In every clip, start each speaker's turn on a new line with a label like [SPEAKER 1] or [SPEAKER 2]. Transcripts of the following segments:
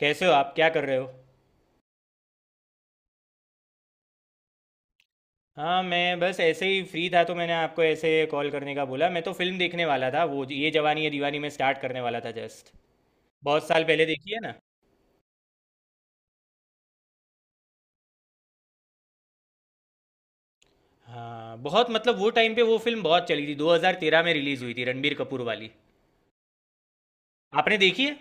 [SPEAKER 1] कैसे हो आप? क्या कर रहे हो? हाँ, मैं बस ऐसे ही फ्री था तो मैंने आपको ऐसे कॉल करने का बोला। मैं तो फिल्म देखने वाला था। वो ये जवानी है दीवानी में स्टार्ट करने वाला था जस्ट। बहुत साल पहले देखी है ना। हाँ, बहुत मतलब वो टाइम पे वो फिल्म बहुत चली थी। 2013 में रिलीज़ हुई थी, रणबीर कपूर वाली। आपने देखी है?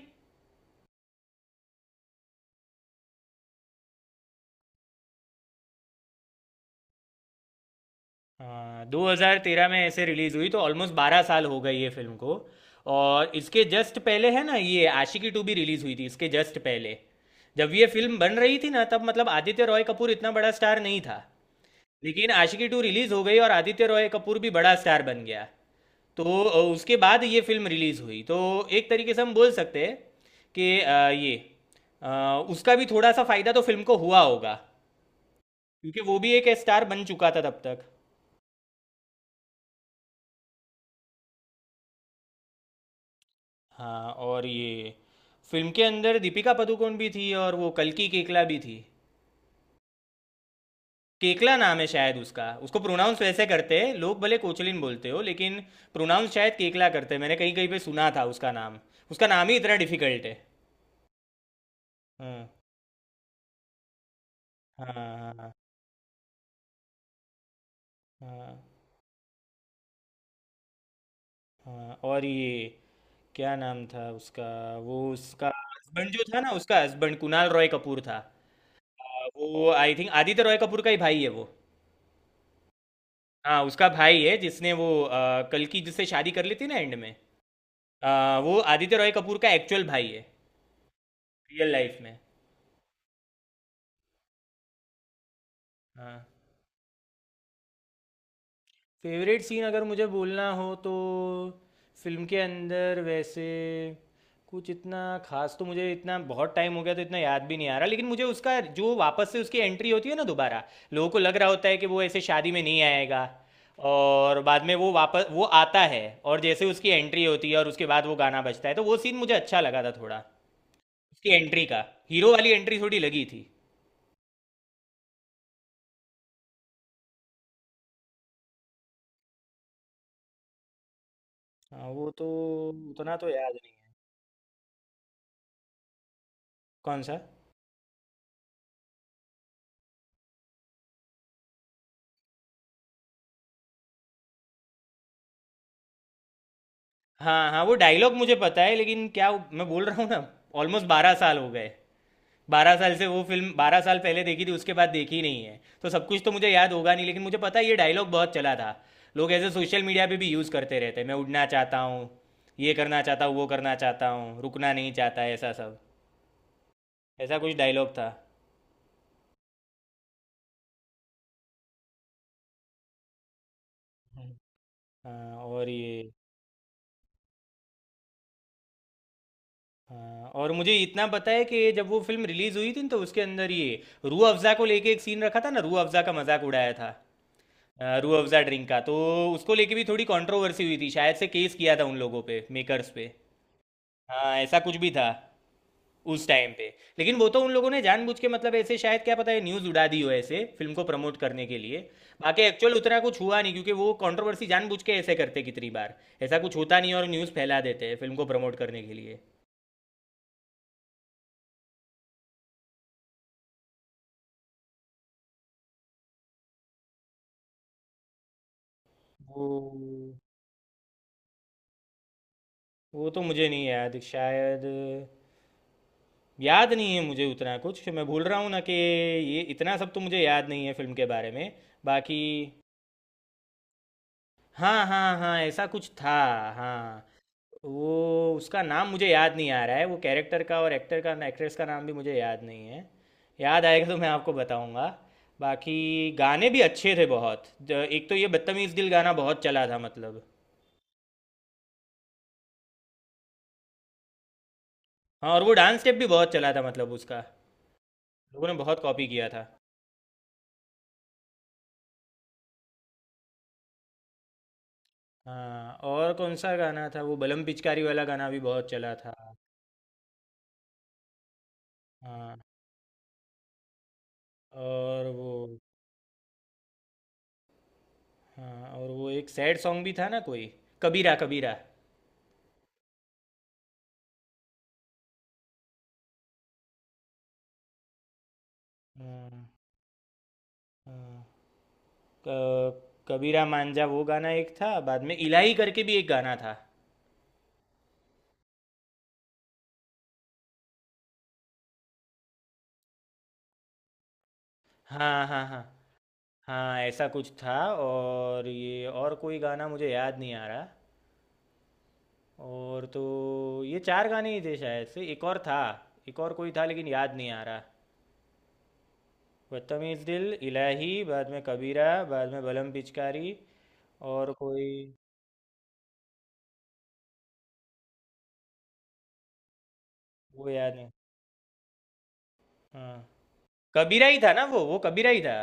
[SPEAKER 1] हाँ, 2013 में ऐसे रिलीज़ हुई तो ऑलमोस्ट 12 साल हो गए ये फिल्म को। और इसके जस्ट पहले है ना ये आशिकी टू भी रिलीज़ हुई थी इसके जस्ट पहले। जब ये फिल्म बन रही थी ना तब मतलब आदित्य रॉय कपूर इतना बड़ा स्टार नहीं था। लेकिन आशिकी टू रिलीज हो गई और आदित्य रॉय कपूर भी बड़ा स्टार बन गया। तो उसके बाद ये फिल्म रिलीज हुई तो एक तरीके से हम बोल सकते हैं कि ये उसका भी थोड़ा सा फायदा तो फिल्म को हुआ होगा। क्योंकि वो भी एक स्टार बन चुका था तब तक। हाँ, और ये फिल्म के अंदर दीपिका पादुकोण भी थी और वो कल्कि केकला भी थी। केकला नाम है शायद उसका। उसको प्रोनाउंस वैसे करते हैं लोग, भले कोचलिन बोलते हो लेकिन प्रोनाउंस शायद केकला करते हैं। मैंने कहीं कहीं पे सुना था उसका नाम। उसका नाम ही इतना डिफिकल्ट है। हाँ। हाँ। हाँ। हाँ। हाँ, और ये क्या नाम था उसका? वो उसका हस्बैंड जो था ना, उसका हस्बैंड कुणाल रॉय कपूर था। वो आई थिंक आदित्य रॉय कपूर का ही भाई है वो। हाँ, उसका भाई है जिसने वो कल की जिससे शादी कर ली थी ना एंड में। वो आदित्य रॉय कपूर का एक्चुअल भाई है रियल लाइफ में। हाँ। फेवरेट सीन अगर मुझे बोलना हो तो फिल्म के अंदर वैसे कुछ इतना खास तो मुझे, इतना बहुत टाइम हो गया तो इतना याद भी नहीं आ रहा। लेकिन मुझे उसका जो वापस से उसकी एंट्री होती है ना दोबारा, लोगों को लग रहा होता है कि वो ऐसे शादी में नहीं आएगा और बाद में वो वापस वो आता है। और जैसे उसकी एंट्री होती है और उसके बाद वो गाना बजता है तो वो सीन मुझे अच्छा लगा था थोड़ा। उसकी एंट्री का हीरो वाली एंट्री थोड़ी लगी थी। हाँ, वो तो उतना तो याद नहीं है। कौन सा? हाँ हाँ, वो डायलॉग मुझे पता है लेकिन क्या मैं बोल रहा हूँ ना, ऑलमोस्ट 12 साल हो गए। 12 साल से वो फिल्म, 12 साल पहले देखी थी, उसके बाद देखी नहीं है तो सब कुछ तो मुझे याद होगा नहीं। लेकिन मुझे पता है ये डायलॉग बहुत चला था। लोग ऐसे सोशल मीडिया पे भी यूज़ करते रहते हैं, मैं उड़ना चाहता हूँ, ये करना चाहता हूँ, वो करना चाहता हूँ, रुकना नहीं चाहता, ऐसा सब। ऐसा कुछ डायलॉग था। हम्म। हाँ, और ये हाँ, और मुझे इतना पता है कि जब वो फिल्म रिलीज़ हुई थी न, तो उसके अंदर ये रूह अफ़ज़ा को लेके एक सीन रखा था ना, रूह अफ़ज़ा का मजाक उड़ाया था। रूह अफ़ज़ा ड्रिंक का तो उसको लेके भी थोड़ी कंट्रोवर्सी हुई थी, शायद से केस किया था उन लोगों पे, मेकर्स पे। हाँ, ऐसा कुछ भी था उस टाइम पे। लेकिन वो तो उन लोगों ने जानबूझ के मतलब ऐसे शायद, क्या पता है, न्यूज़ उड़ा दी हो ऐसे फिल्म को प्रमोट करने के लिए। बाकी एक्चुअल उतना कुछ हुआ नहीं क्योंकि वो कंट्रोवर्सी जानबूझ के ऐसे करते कितनी बार ऐसा कुछ होता नहीं और न्यूज़ फैला देते हैं फिल्म को प्रमोट करने के लिए। वो वो तो मुझे नहीं याद शायद। याद नहीं है मुझे उतना कुछ, मैं भूल रहा हूँ ना कि ये इतना सब तो मुझे याद नहीं है फिल्म के बारे में। बाकी, हाँ हाँ हाँ, ऐसा कुछ था। हाँ। वो उसका नाम मुझे याद नहीं आ रहा है, वो कैरेक्टर का, और एक्टर का एक्ट्रेस का नाम भी मुझे याद नहीं है। याद आएगा तो मैं आपको बताऊंगा। बाकी गाने भी अच्छे थे बहुत। एक तो ये बदतमीज़ दिल गाना बहुत चला था मतलब। हाँ, और वो डांस स्टेप भी बहुत चला था मतलब उसका। लोगों ने बहुत कॉपी किया था। हाँ, और कौन सा गाना था, वो बलम पिचकारी वाला गाना भी बहुत चला था। हाँ, और वो हाँ, और वो एक सैड सॉन्ग भी था ना कोई, कबीरा कबीरा। हाँ, हाँ, क- कबीरा मांझा वो गाना एक था, बाद में इलाही करके भी एक गाना था। हाँ हाँ हाँ, हाँ ऐसा कुछ था। और ये और कोई गाना मुझे याद नहीं आ रहा। और तो ये चार गाने ही थे शायद से, एक और था, एक और कोई था लेकिन याद नहीं आ रहा। बदतमीज दिल, इलाही, बाद में कबीरा, बाद में बलम पिचकारी, और कोई वो याद नहीं। हाँ, कबीरा ही था ना वो कबीरा ही था।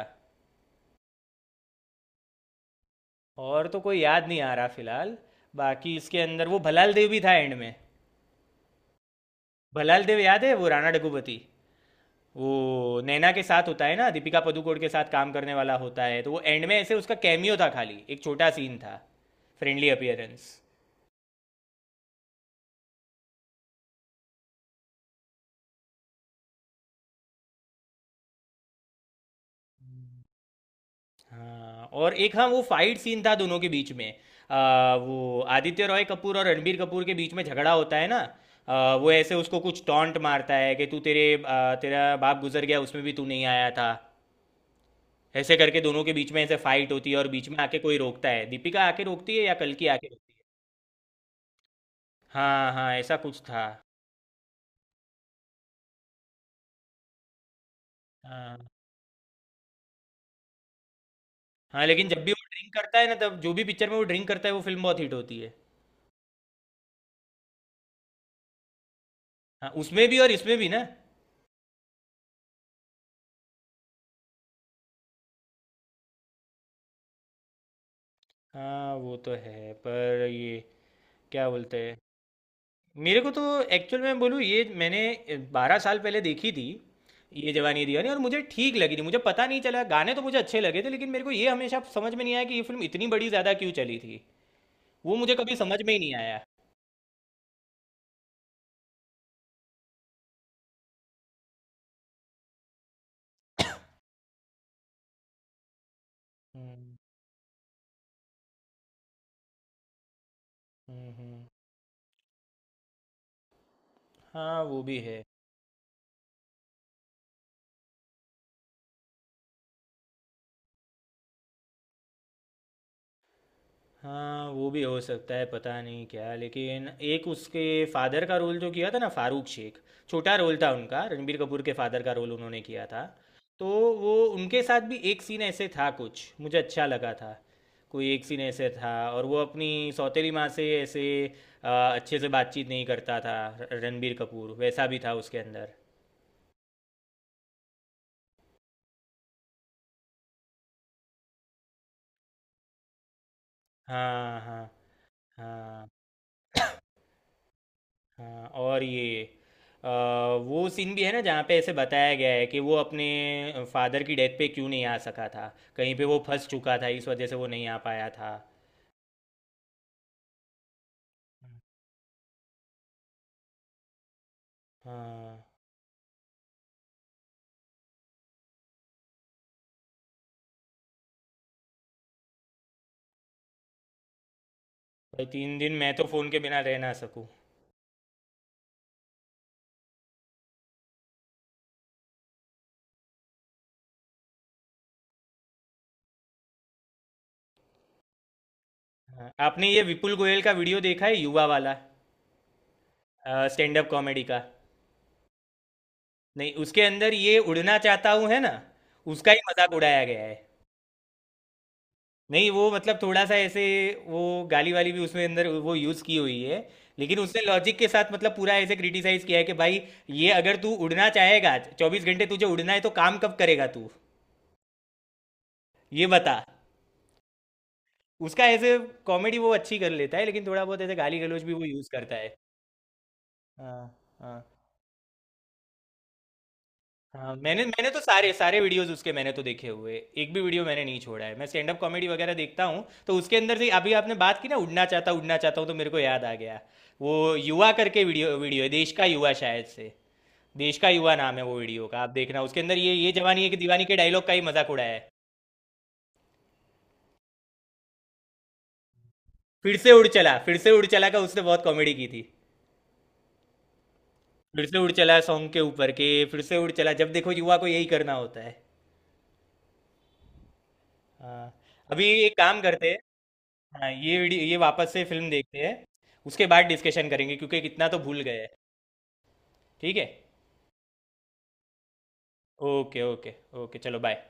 [SPEAKER 1] और तो कोई याद नहीं आ रहा फिलहाल। बाकी इसके अंदर वो भलाल देव भी था एंड में। भलाल देव याद है, वो राणा डग्गुबाती। वो नैना के साथ होता है ना, दीपिका पादुकोण के साथ काम करने वाला होता है, तो वो एंड में ऐसे उसका कैमियो था खाली, एक छोटा सीन था। Friendly appearance. हाँ, और एक, हाँ वो फाइट सीन था दोनों के बीच में। वो आदित्य रॉय कपूर और रणबीर कपूर के बीच में झगड़ा होता है ना। वो ऐसे उसको कुछ टॉन्ट मारता है कि तू तेरे तेरा बाप गुजर गया उसमें भी तू नहीं आया था। ऐसे करके दोनों के बीच में ऐसे फाइट होती है और बीच में आके कोई रोकता है, दीपिका आके रोकती है या कल्कि आके रोकती है। हाँ हाँ, ऐसा कुछ था। हाँ। हाँ लेकिन जब भी वो ड्रिंक करता है ना, तब जो भी पिक्चर में वो ड्रिंक करता है वो फिल्म बहुत हिट होती है। हाँ, उसमें भी और इसमें भी ना। हाँ, वो तो है पर ये क्या बोलते हैं, मेरे को तो एक्चुअल में बोलूँ ये मैंने 12 साल पहले देखी थी ये जवानी दीवानी और मुझे ठीक लगी थी। मुझे पता नहीं चला, गाने तो मुझे अच्छे लगे थे लेकिन मेरे को ये हमेशा समझ में नहीं आया कि ये फिल्म इतनी बड़ी ज़्यादा क्यों चली थी। वो मुझे कभी समझ में ही नहीं आया। हम्म। हम्म। हम्म। हाँ, वो भी है। हाँ, वो भी हो सकता है, पता नहीं क्या, लेकिन एक उसके फादर का रोल जो किया था ना फारूक शेख, छोटा रोल था उनका, रणबीर कपूर के फादर का रोल उन्होंने किया था। तो वो उनके साथ भी एक सीन ऐसे था कुछ मुझे अच्छा लगा था। कोई एक सीन ऐसे था और वो अपनी सौतेली माँ से ऐसे अच्छे से बातचीत नहीं करता था। रणबीर कपूर वैसा भी था उसके अंदर। हाँ हाँ। हाँ। हाँ, और ये वो सीन भी है ना जहाँ पे ऐसे बताया गया है कि वो अपने फादर की डेथ पे क्यों नहीं आ सका था। कहीं पे वो फंस चुका था, इस वजह से वो नहीं आ पाया था। हाँ। भाई 3 दिन मैं तो फ़ोन के बिना रह ना सकूँ। हाँ, आपने ये विपुल गोयल का वीडियो देखा है, युवा वाला, स्टैंड अप कॉमेडी का? नहीं, उसके अंदर ये उड़ना चाहता हूँ है ना, उसका ही मजाक उड़ाया गया है। नहीं, वो मतलब थोड़ा सा ऐसे वो गाली वाली भी उसमें अंदर वो यूज़ की हुई है लेकिन उसने लॉजिक के साथ मतलब पूरा ऐसे क्रिटिसाइज किया है कि भाई ये अगर तू उड़ना चाहेगा 24 घंटे, तुझे उड़ना है तो काम कब करेगा तू, ये बता। उसका ऐसे कॉमेडी वो अच्छी कर लेता है लेकिन थोड़ा बहुत ऐसे गाली गलौज भी वो यूज़ करता है। हाँ। हाँ। हाँ, मैंने मैंने तो सारे सारे वीडियोस उसके मैंने तो देखे हुए, एक भी वीडियो मैंने नहीं छोड़ा है। मैं स्टैंड अप कॉमेडी वगैरह देखता हूँ तो उसके अंदर से, अभी आपने बात की ना उड़ना चाहता हूँ, तो मेरे को याद आ गया। वो युवा करके वीडियो वीडियो है, देश का युवा शायद से। देश का युवा नाम है वो वीडियो का, आप देखना, उसके अंदर ये जवानी है कि दीवानी के डायलॉग का ही मजाक उड़ाया है। फिर से उड़ चला, फिर से उड़ चला का उसने बहुत कॉमेडी की थी, फिर से उड़ चला सॉन्ग के ऊपर के, फिर से उड़ चला, जब देखो युवा को यही करना होता है। हाँ, अभी एक काम करते हैं। हाँ, ये वीडियो, ये वापस से फिल्म देखते हैं, उसके बाद डिस्कशन करेंगे क्योंकि कितना तो भूल गए हैं। ठीक है। Okay okay. ओके, चलो बाय।